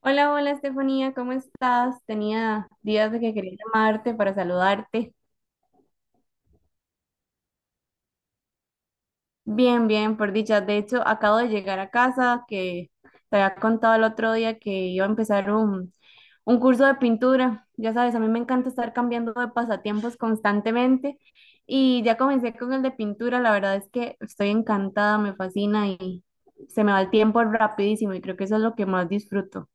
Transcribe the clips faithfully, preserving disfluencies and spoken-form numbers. Hola, hola Estefanía, ¿cómo estás? Tenía días de que quería llamarte para saludarte. Bien, bien, por dicha. De hecho, acabo de llegar a casa, que te había contado el otro día que iba a empezar un, un curso de pintura. Ya sabes, a mí me encanta estar cambiando de pasatiempos constantemente y ya comencé con el de pintura. La verdad es que estoy encantada, me fascina y se me va el tiempo rapidísimo y creo que eso es lo que más disfruto.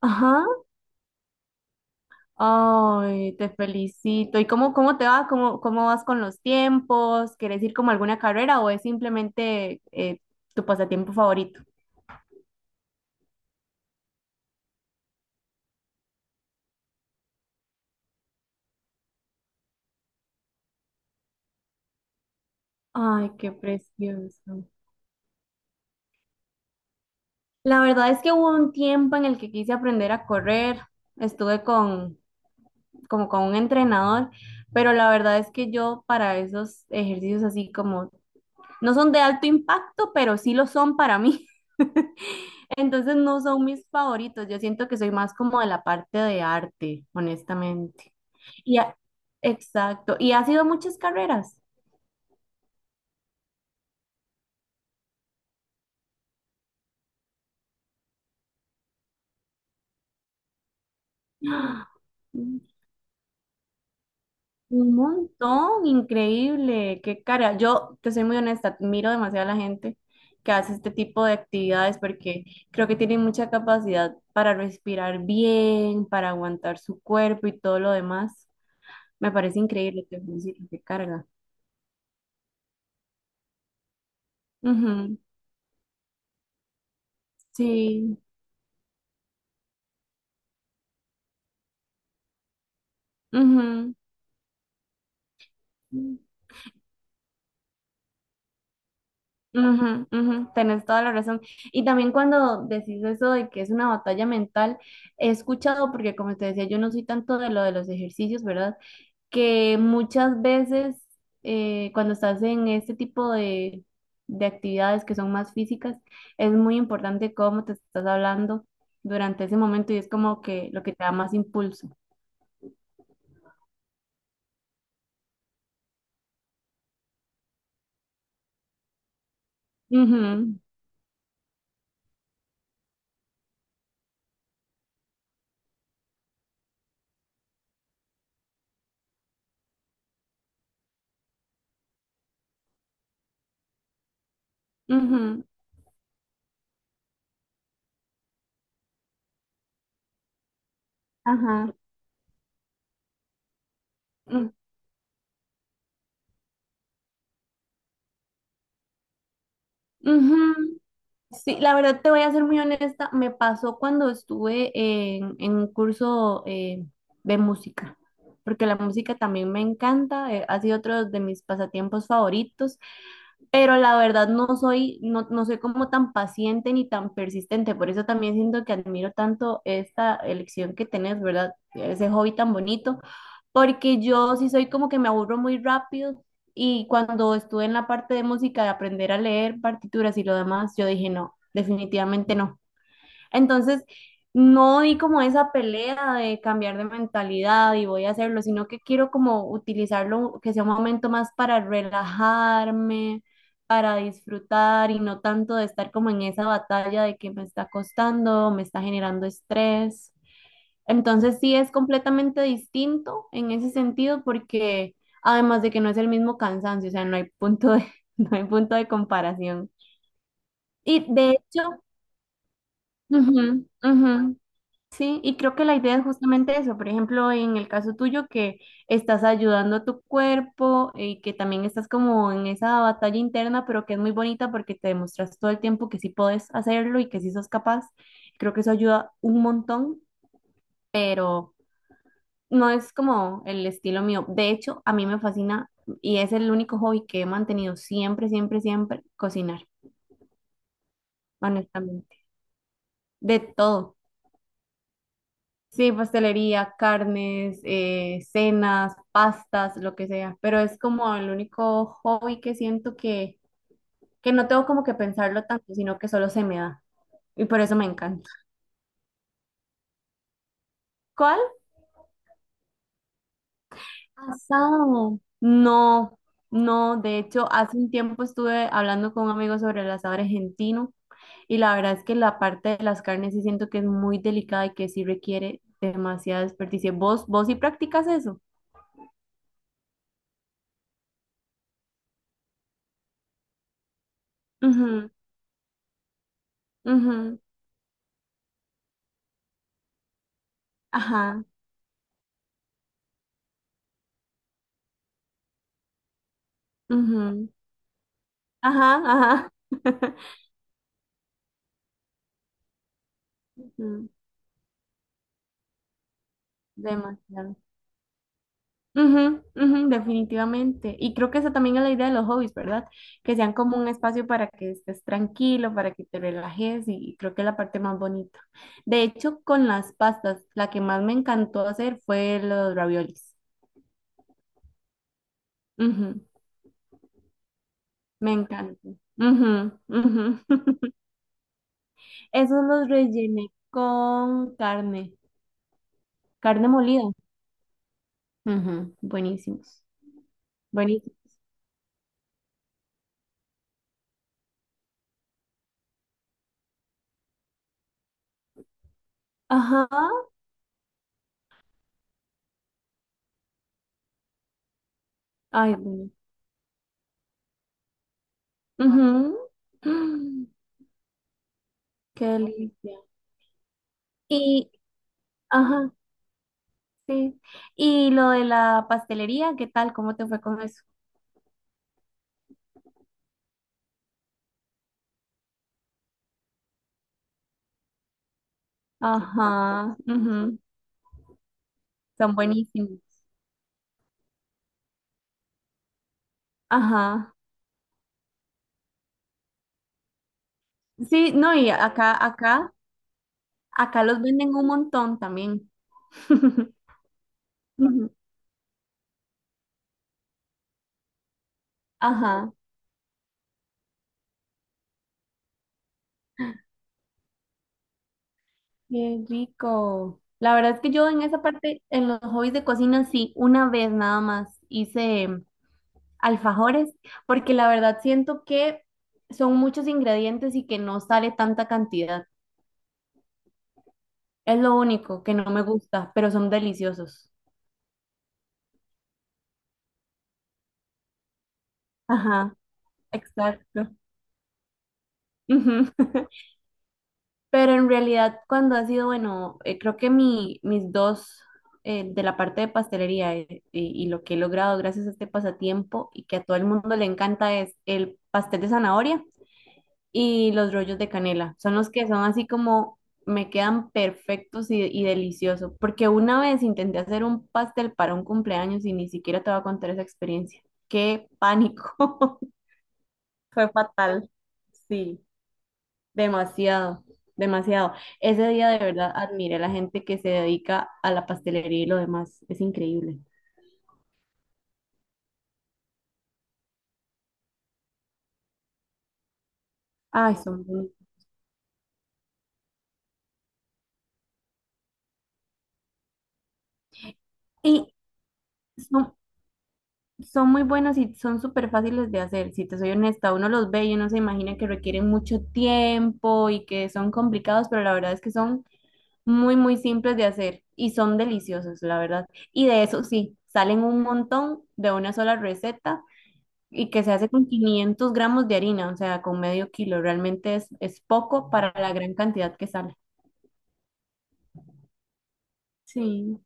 Ajá. Ay, te felicito. ¿Y cómo, cómo te va? ¿Cómo, cómo vas con los tiempos? ¿Quieres ir como a alguna carrera o es simplemente eh, tu pasatiempo favorito? Ay, qué precioso. La verdad es que hubo un tiempo en el que quise aprender a correr. Estuve con, como con un entrenador, pero la verdad es que yo para esos ejercicios así como, no son de alto impacto, pero sí lo son para mí. Entonces no son mis favoritos, yo siento que soy más como de la parte de arte, honestamente. Y ha- exacto, y ha sido muchas carreras. ¡Ah! Un montón, increíble, qué cara. Yo te soy muy honesta, miro demasiado a la gente que hace este tipo de actividades porque creo que tienen mucha capacidad para respirar bien, para aguantar su cuerpo y todo lo demás. Me parece increíble, te felicito, qué carga. Ujú. Sí. Ujú. Ujú, ujú, tenés toda la razón. Y también cuando decís eso de que es una batalla mental, he escuchado, porque como te decía, yo no soy tanto de lo de los ejercicios, ¿verdad? Que muchas veces eh, cuando estás en este tipo de, de actividades que son más físicas, es muy importante cómo te estás hablando durante ese momento y es como que lo que te da más impulso. Ujú, ujú, ajá, ujú, ujú. Sí, la verdad te voy a ser muy honesta, me pasó cuando estuve en, en un curso eh, de música, porque la música también me encanta, eh, ha sido otro de mis pasatiempos favoritos pero la verdad no soy, no, no soy como tan paciente ni tan persistente, por eso también siento que admiro tanto esta elección que tenés, ¿verdad? Ese hobby tan bonito, porque yo sí soy como que me aburro muy rápido y cuando estuve en la parte de música de aprender a leer partituras y lo demás, yo dije no, definitivamente no. Entonces, no di como esa pelea de cambiar de mentalidad y voy a hacerlo, sino que quiero como utilizarlo, que sea un momento más para relajarme, para disfrutar y no tanto de estar como en esa batalla de que me está costando, me está generando estrés. Entonces, sí es completamente distinto en ese sentido porque además de que no es el mismo cansancio, o sea, no hay punto de, no hay punto de comparación. Y de hecho, ujú, ujú. Sí, y creo que la idea es justamente eso. Por ejemplo, en el caso tuyo, que estás ayudando a tu cuerpo y que también estás como en esa batalla interna, pero que es muy bonita porque te demuestras todo el tiempo que sí puedes hacerlo y que sí sos capaz. Creo que eso ayuda un montón, pero no es como el estilo mío. De hecho, a mí me fascina y es el único hobby que he mantenido siempre, siempre, siempre, cocinar, honestamente. De todo. Sí, pastelería, carnes, eh, cenas, pastas, lo que sea, pero es como el único hobby que siento que, que no tengo como que pensarlo tanto, sino que solo se me da y por eso me encanta. ¿Cuál? Asado. No, no, de hecho, hace un tiempo estuve hablando con un amigo sobre el asado argentino y la verdad es que la parte de las carnes sí siento que es muy delicada y que sí requiere demasiada desperdicio. ¿Vos, vos sí practicas eso? Ujú, ujú, ajá, ujú. Ajá, ajá. Mm. Demasiado. Ujú, ujú, definitivamente. Y creo que esa también es la idea de los hobbies, ¿verdad? Que sean como un espacio para que estés tranquilo, para que te relajes y creo que es la parte más bonita. De hecho, con las pastas, la que más me encantó hacer fue los raviolis. Ujú, me encantó. Ujú, ujú. Esos los rellené con carne, carne molida. Ujú, buenísimos. Buenísimos. Ajá. Ay, buenísimo. Ujú. Mm. Qué delicia. Y, ajá, sí. Y lo de la pastelería, ¿qué tal? ¿Cómo te fue con eso? Ajá, ujú. Son buenísimos. Ajá. Sí, no, y acá, acá, acá los venden un montón también. Ujú. Ajá, qué rico. La verdad es que yo en esa parte, en los hobbies de cocina, sí, una vez nada más hice alfajores, porque la verdad siento que son muchos ingredientes y que no sale tanta cantidad. Es lo único que no me gusta, pero son deliciosos. Ajá, exacto. Ujú. Pero en realidad cuando ha sido, bueno, eh, creo que mi, mis dos eh, de la parte de pastelería, eh, y, y lo que he logrado gracias a este pasatiempo y que a todo el mundo le encanta es el pastel de zanahoria y los rollos de canela. Son los que son así como me quedan perfectos y, y deliciosos. Porque una vez intenté hacer un pastel para un cumpleaños y ni siquiera te voy a contar esa experiencia. ¡Qué pánico! Fue fatal. Sí, demasiado, demasiado. Ese día de verdad admiré a la gente que se dedica a la pastelería y lo demás. Es increíble. Ay, son... muy- Y son. Son muy buenos y son súper fáciles de hacer, si te soy honesta, uno los ve y uno se imagina que requieren mucho tiempo y que son complicados, pero la verdad es que son muy, muy simples de hacer y son deliciosos, la verdad. Y de eso sí, salen un montón de una sola receta y que se hace con quinientos gramos de harina, o sea, con medio kilo, realmente es, es poco para la gran cantidad que sale. Sí.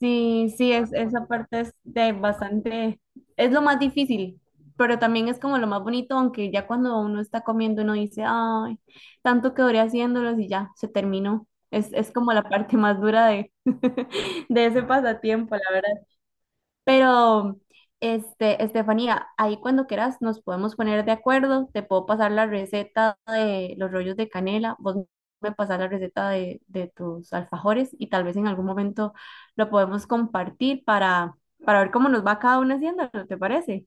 Sí, sí, es, esa parte es de bastante, es lo más difícil, pero también es como lo más bonito, aunque ya cuando uno está comiendo uno dice, ay, tanto que duré haciéndolos y ya, se terminó. Es, es como la parte más dura de, de ese pasatiempo, la verdad. Pero, este, Estefanía, ahí cuando quieras nos podemos poner de acuerdo. Te puedo pasar la receta de los rollos de canela, vos me pasas la receta de, de tus alfajores y tal vez en algún momento lo podemos compartir para, para ver cómo nos va cada una haciendo, ¿te parece?